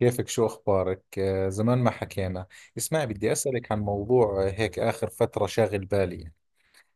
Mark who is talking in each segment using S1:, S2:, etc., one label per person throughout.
S1: كيفك؟ شو أخبارك؟ زمان ما حكينا. اسمعي، بدي أسألك عن موضوع. هيك آخر فترة شاغل بالي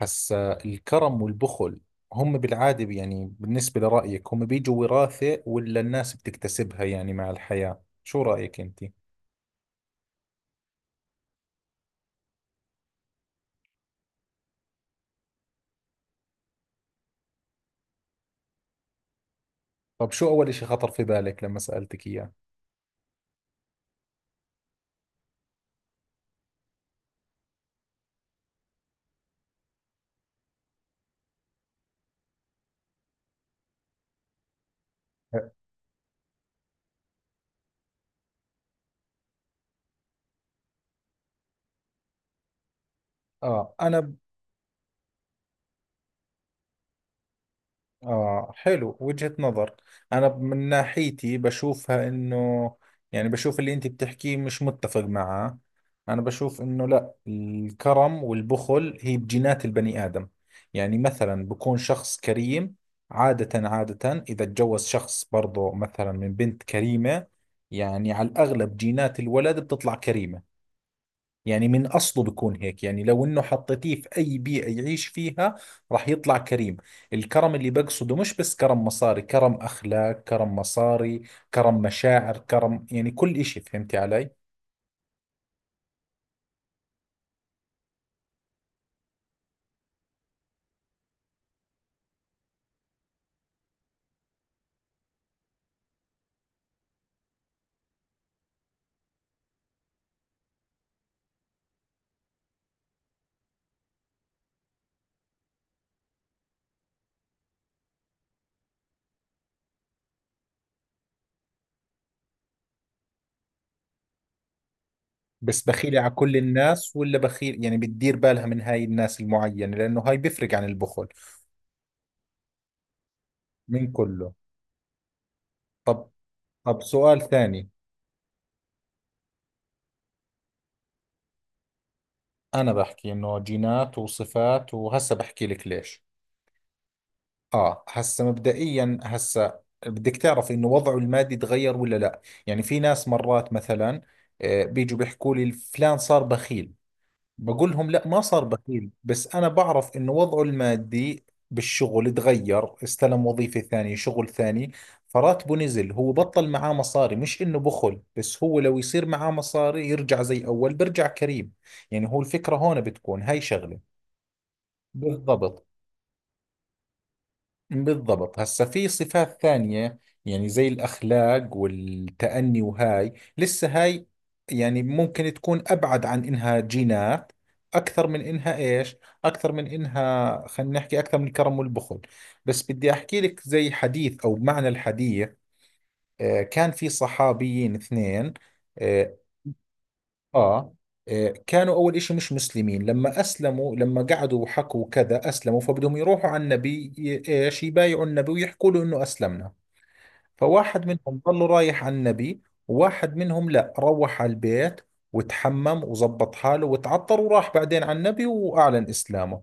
S1: هسا الكرم والبخل. هم بالعادة، يعني بالنسبة لرأيك، هم بيجوا وراثة ولا الناس بتكتسبها يعني مع الحياة؟ شو رأيك أنت؟ طب شو أول إشي خطر في بالك لما سألتك إياه؟ آه أنا. آه، حلو وجهة نظر. أنا من ناحيتي بشوفها إنه، يعني بشوف اللي أنت بتحكيه مش متفق معاه. أنا بشوف إنه لا، الكرم والبخل هي بجينات البني آدم. يعني مثلا بكون شخص كريم، عادة إذا تجوز شخص برضو مثلا من بنت كريمة، يعني على الأغلب جينات الولد بتطلع كريمة. يعني من أصله بيكون هيك، يعني لو إنه حطيتيه في أي بيئة يعيش فيها راح يطلع كريم. الكرم اللي بقصده مش بس كرم مصاري، كرم أخلاق، كرم مصاري، كرم مشاعر، كرم يعني كل إشي، فهمتي علي؟ بس بخيلة على كل الناس ولا بخيل، يعني بتدير بالها من هاي الناس المعينة؟ لأنه هاي بيفرق عن البخل. من كله. طب طب سؤال ثاني. أنا بحكي إنه جينات وصفات، وهسه بحكي لك ليش. اه، هسه مبدئيا، هسه بدك تعرف انه وضعه المادي تغير ولا لا. يعني في ناس مرات مثلا بيجوا بيحكوا لي فلان صار بخيل. بقول لهم لا، ما صار بخيل، بس انا بعرف انه وضعه المادي بالشغل تغير، استلم وظيفة ثانية، شغل ثاني، فراتبه نزل، هو بطل معاه مصاري. مش انه بخل، بس هو لو يصير معاه مصاري يرجع زي اول، برجع كريم. يعني هو الفكرة هون بتكون هاي شغلة. بالضبط بالضبط هسا في صفات ثانية، يعني زي الأخلاق والتأني، وهاي لسه هاي يعني ممكن تكون أبعد عن إنها جينات. أكثر من إنها إيش؟ أكثر من إنها، خلينا نحكي، أكثر من الكرم والبخل. بس بدي أحكي لك زي حديث أو معنى الحديث. كان في صحابيين اثنين. آه، آه. كانوا أول إشي مش مسلمين، لما أسلموا، لما قعدوا وحكوا كذا أسلموا، فبدهم يروحوا على النبي إيش يبايعوا النبي ويحكوا له إنه أسلمنا. فواحد منهم ضلوا رايح على النبي، وواحد منهم لا، روح على البيت وتحمم وزبط حاله وتعطر وراح بعدين على النبي وأعلن إسلامه.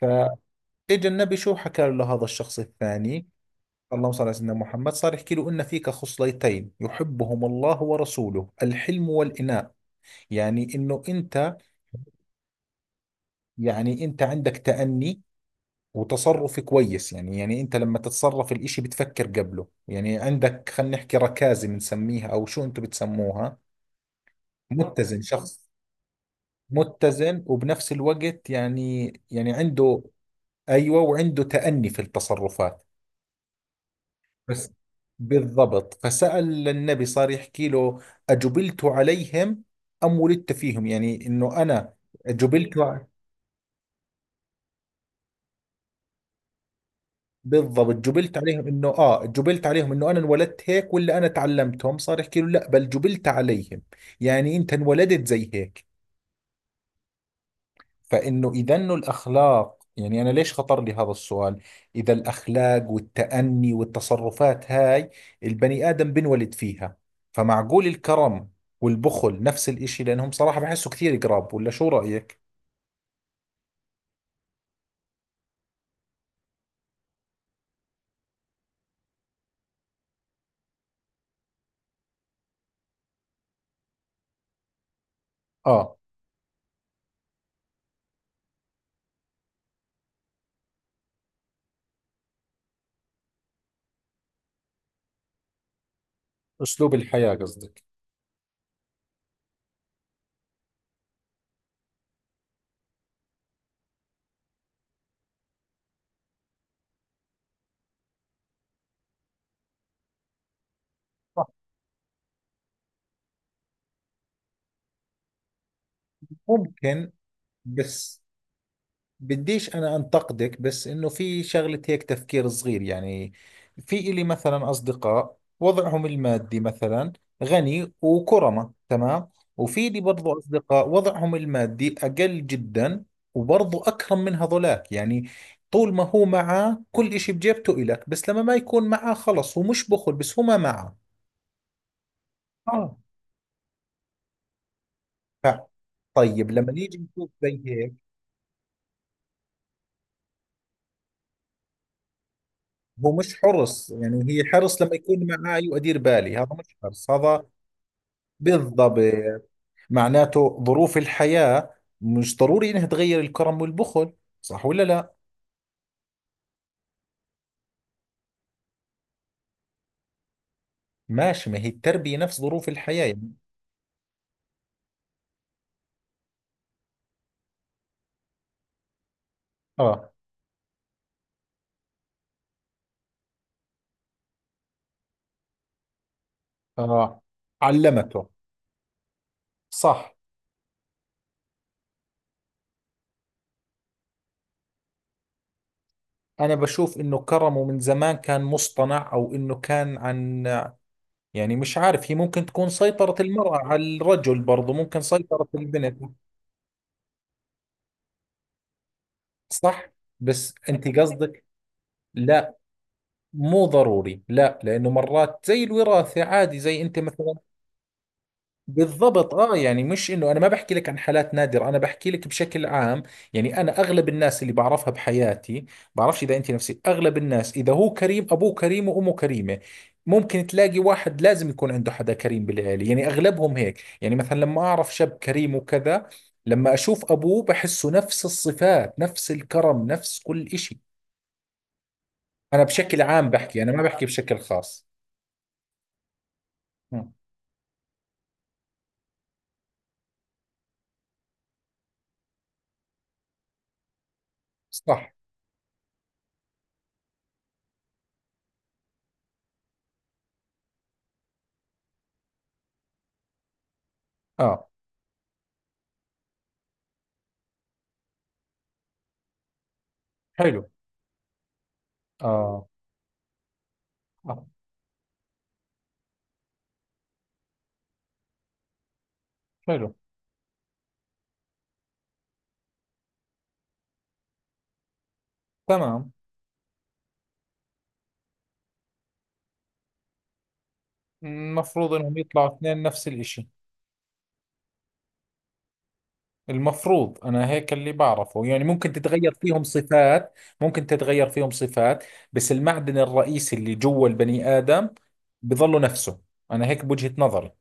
S1: فإجا النبي شو حكى له هذا الشخص الثاني؟ اللهم صل على سيدنا محمد. صار يحكي له إن فيك خصلتين يحبهم الله ورسوله: الحلم والإناء. يعني إنه أنت، يعني انت عندك تأني وتصرف كويس، يعني يعني انت لما تتصرف الاشي بتفكر قبله. يعني عندك، خلينا نحكي ركازة بنسميها، او شو انتم بتسموها؟ متزن، شخص متزن، وبنفس الوقت يعني يعني عنده، ايوه، وعنده تأني في التصرفات. بس. بالضبط. فسأل النبي، صار يحكي له: أجبلت عليهم أم ولدت فيهم؟ يعني إنه أنا جبلت. بالضبط، جبلت عليهم انه، اه، جبلت عليهم انه انا انولدت هيك ولا انا تعلمتهم. صار يحكي له لا بل جبلت عليهم. يعني انت انولدت زي هيك. فانه اذا انه الاخلاق، يعني انا ليش خطر لي هذا السؤال، اذا الاخلاق والتأني والتصرفات هاي البني ادم بنولد فيها، فمعقول الكرم والبخل نفس الاشي، لانهم صراحة بحسوا كثير قراب، ولا شو رأيك؟ اه، اسلوب الحياة قصدك. صح. ممكن. بس بديش أنا أنتقدك، بس إنه في شغلة هيك، تفكير صغير يعني، في إلي مثلا أصدقاء وضعهم المادي مثلا غني وكرمة تمام، وفي لي برضو أصدقاء وضعهم المادي أقل جدا، وبرضو أكرم من هذولاك. يعني طول ما هو معاه كل إشي بجيبته إلك، بس لما ما يكون معاه خلص، هو مش بخل، بس هو ما معاه. اه. ف- طيب لما نيجي نشوف زي هيك. هو مش حرص، يعني هي حرص لما يكون معي وأدير بالي، هذا مش حرص هذا. بالضبط. معناته ظروف الحياة مش ضروري انها تغير الكرم والبخل. صح ولا لا؟ ماشي، ما هي التربية نفس ظروف الحياة يعني. اه. اه، علمته. صح. انا بشوف انه كرمه من زمان كان مصطنع، او انه كان عن، يعني مش عارف، هي ممكن تكون سيطرة المرأة على الرجل برضه، ممكن سيطرة البنت. صح. بس انت قصدك. لا، مو ضروري لا، لانه مرات زي الوراثة عادي، زي انت مثلا. بالضبط، اه. يعني مش انه انا ما بحكي لك عن حالات نادرة، انا بحكي لك بشكل عام. يعني انا اغلب الناس اللي بعرفها بحياتي، بعرفش اذا انت نفسي، اغلب الناس اذا هو كريم ابوه كريم وامه كريمة. ممكن تلاقي واحد لازم يكون عنده حدا كريم بالعيلة، يعني اغلبهم هيك. يعني مثلا لما اعرف شاب كريم وكذا، لما اشوف ابوه بحسه نفس الصفات، نفس الكرم، نفس كل اشي. انا بشكل عام بحكي، انا ما بحكي بشكل خاص. مم. صح. اه. حلو. اه. آه، حلو. تمام، المفروض انهم يطلعوا اثنين نفس الاشي. المفروض، انا هيك اللي بعرفه، يعني ممكن تتغير فيهم صفات. ممكن تتغير فيهم صفات، بس المعدن الرئيسي اللي جوا البني ادم بظله نفسه. انا هيك بوجهة نظري.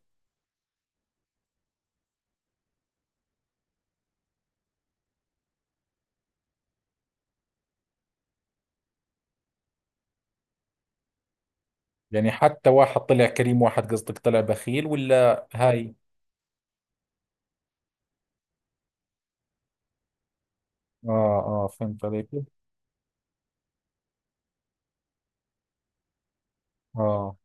S1: يعني حتى واحد طلع كريم واحد قصدك طلع بخيل، ولا هاي؟ اه. اه، فهمت عليك. اه.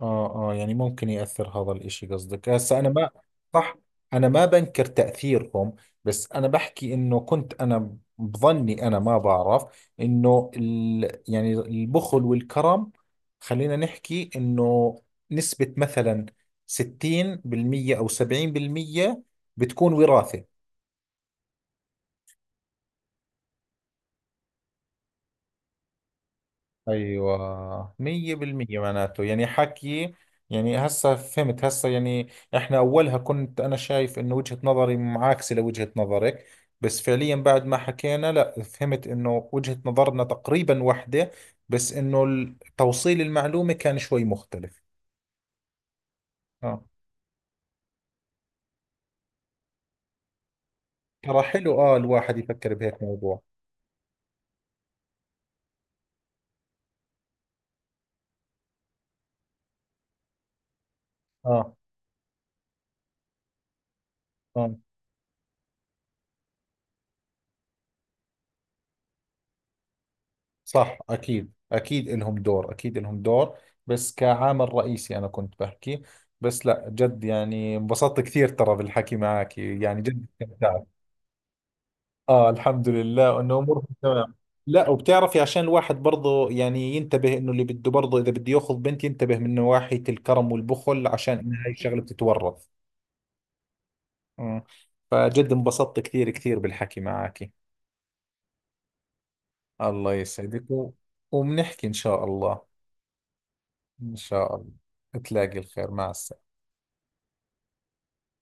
S1: اه اه، يعني ممكن يأثر هذا الاشي قصدك هسه، انا ما. صح. انا ما بنكر تأثيرهم، بس انا بحكي انه كنت انا بظني، انا ما بعرف، انه ال يعني البخل والكرم، خلينا نحكي انه نسبة مثلا 60% او 70% بتكون وراثة. ايوه، مية بالمية معناته يعني حكي. يعني هسا فهمت هسا، يعني احنا اولها كنت انا شايف انه وجهة نظري معاكسة لوجهة نظرك، بس فعليا بعد ما حكينا لا، فهمت انه وجهة نظرنا تقريبا واحدة، بس انه توصيل المعلومة كان شوي مختلف. اه. ترى حلو اه الواحد يفكر بهيك موضوع. اه. اه. صح. أكيد أكيد إلهم دور، أكيد إلهم دور، بس كعامل رئيسي أنا كنت بحكي. بس لا جد يعني انبسطت كثير ترى بالحكي معك، يعني جد استمتعت. آه، الحمد لله إنه أمورك تمام. لا، وبتعرفي عشان الواحد برضه يعني ينتبه، إنه اللي بده برضه إذا بده ياخذ بنت ينتبه من نواحي الكرم والبخل، عشان إنها هاي الشغلة بتتورث. أمم. فجد انبسطت كثير كثير بالحكي معك. الله يسعدك وبنحكي إن شاء الله. إن شاء الله. تلاقي الخير. مع السلامة.